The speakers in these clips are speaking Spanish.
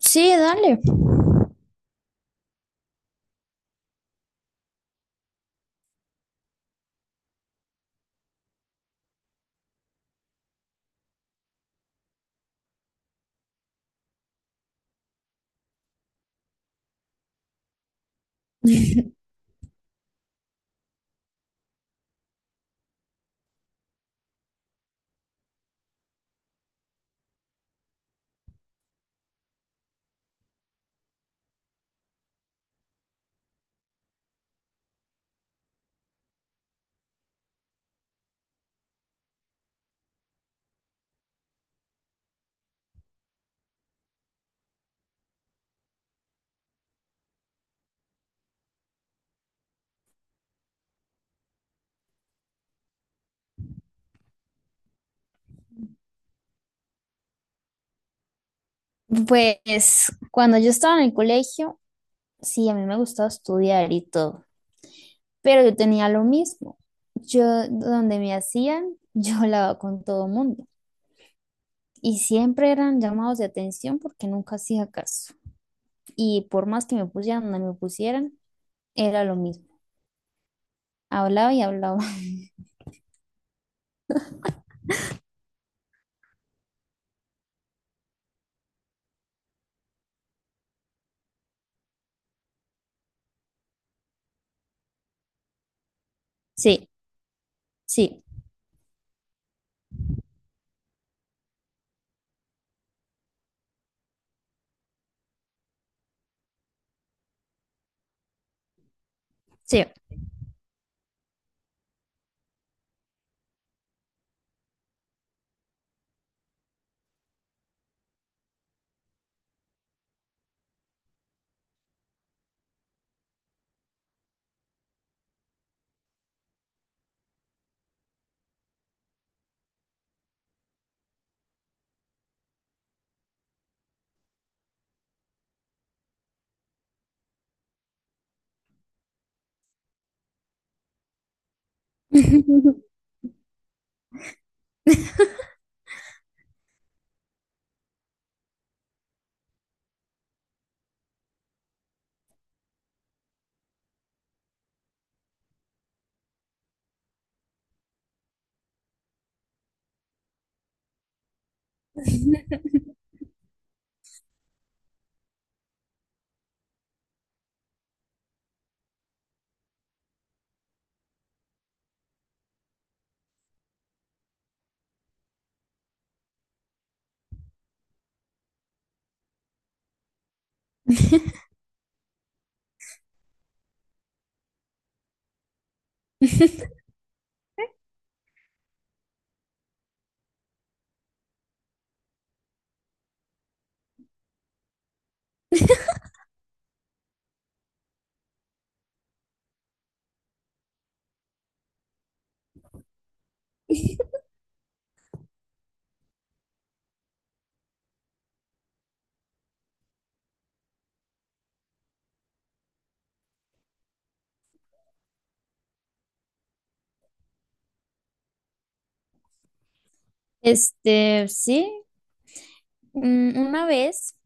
Sí, dale. Pues cuando yo estaba en el colegio, sí, a mí me gustaba estudiar y todo, pero yo tenía lo mismo. Yo, donde me hacían, yo hablaba con todo el mundo y siempre eran llamados de atención porque nunca hacía caso. Y por más que me pusieran donde me pusieran, era lo mismo. Hablaba y hablaba. Sí, sí, sí. Este, sí, una vez,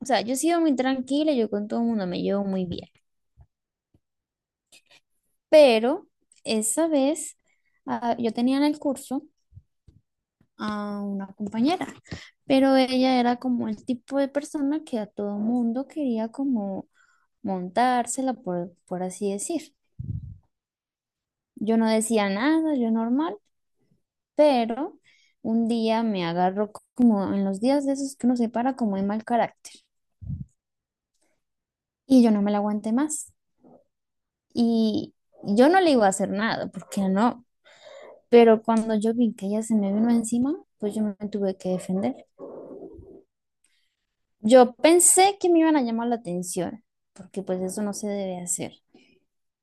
o sea, yo he sido muy tranquila, yo con todo el mundo me llevo muy bien. Pero esa vez yo tenía en el curso a una compañera, pero ella era como el tipo de persona que a todo mundo quería como montársela, por así decir. Yo no decía nada, yo normal, pero un día me agarró como en los días de esos que uno se para como de mal carácter y yo no me la aguanté más. Y yo no le iba a hacer nada, porque no, pero cuando yo vi que ella se me vino encima, pues yo me tuve que defender. Yo pensé que me iban a llamar la atención, porque pues eso no se debe hacer.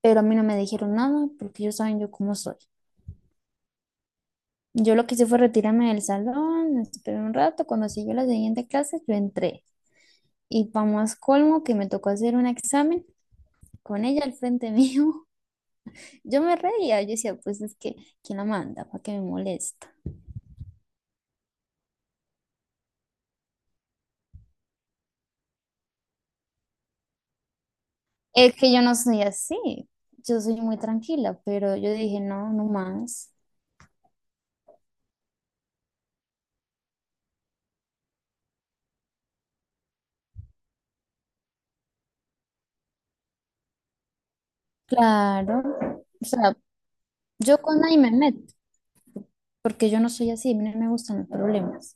Pero a mí no me dijeron nada, porque ellos saben yo cómo soy. Yo lo que hice fue retirarme del salón, esperé un rato, cuando siguió la siguiente clase, yo entré. Y para más colmo que me tocó hacer un examen con ella al frente mío. Yo me reía, yo decía, pues es que, ¿quién la manda? ¿Para qué me molesta? Es que yo no soy así, yo soy muy tranquila, pero yo dije, no, no más. Claro, o sea, yo con nadie me meto, porque yo no soy así, a mí no me gustan los problemas.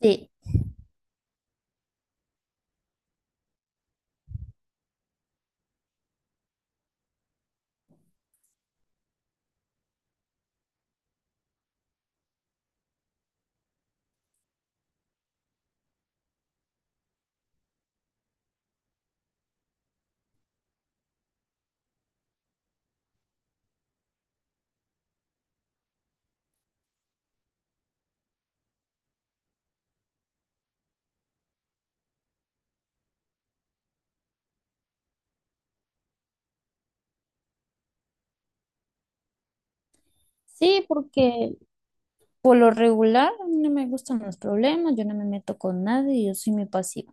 Sí, sí, porque por lo regular a mí no me gustan los problemas, yo no me meto con nadie, yo soy muy pasiva.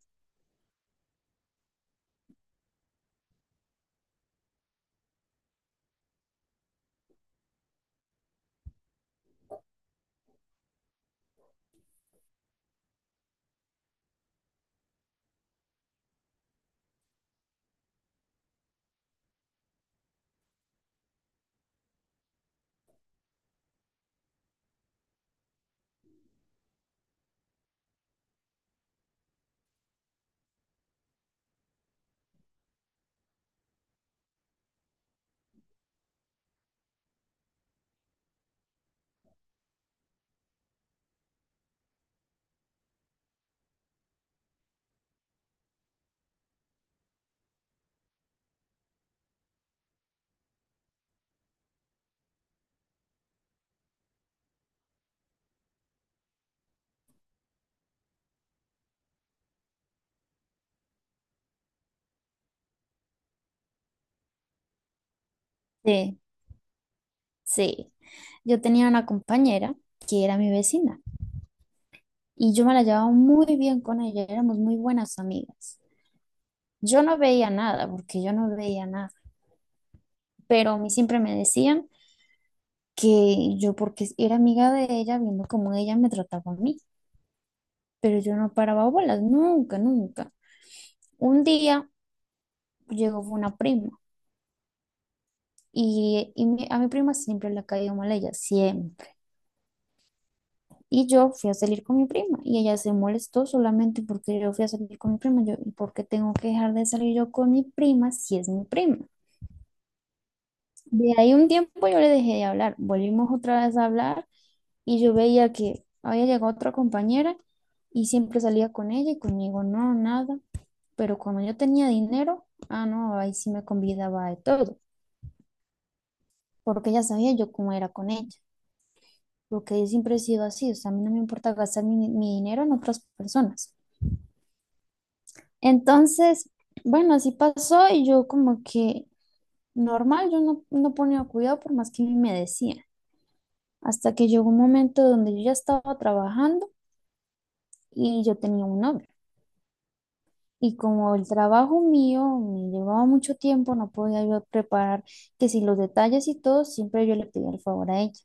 Sí, sí. Yo tenía una compañera que era mi vecina y yo me la llevaba muy bien con ella, éramos muy buenas amigas. Yo no veía nada, porque yo no veía nada, pero a mí siempre me decían que yo, porque era amiga de ella, viendo cómo ella me trataba a mí. Pero yo no paraba bolas, nunca, nunca. Un día llegó una prima y a mi prima siempre le ha caído mal ella, siempre. Y yo fui a salir con mi prima y ella se molestó solamente porque yo fui a salir con mi prima. Yo, ¿y por qué tengo que dejar de salir yo con mi prima si es mi prima? De ahí un tiempo yo le dejé de hablar, volvimos otra vez a hablar y yo veía que había llegado otra compañera y siempre salía con ella y conmigo no, nada. Pero cuando yo tenía dinero, ah, no, ahí sí me convidaba de todo, porque ya sabía yo cómo era con ella, porque yo siempre he sido así, o sea, a mí no me importa gastar mi dinero en otras personas. Entonces, bueno, así pasó y yo como que normal, yo no ponía cuidado por más que me decía, hasta que llegó un momento donde yo ya estaba trabajando y yo tenía un novio. Y como el trabajo mío me llevaba mucho tiempo, no podía yo preparar que si los detalles y todo, siempre yo le pedía el favor a ella.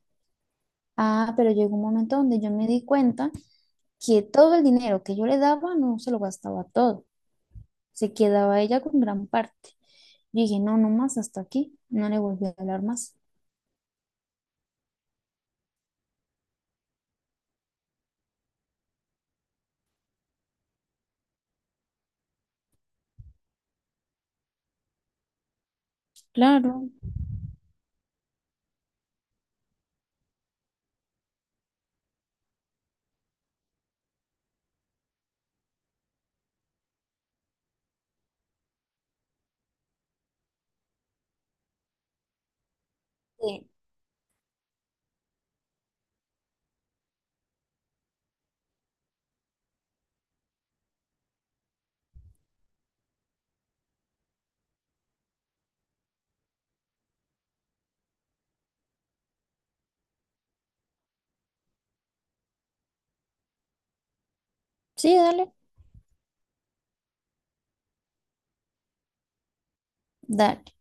Ah, pero llegó un momento donde yo me di cuenta que todo el dinero que yo le daba no se lo gastaba todo, se quedaba ella con gran parte. Yo dije, no, no más hasta aquí, no le volví a hablar más. Claro. Sí, sí, dale, dale.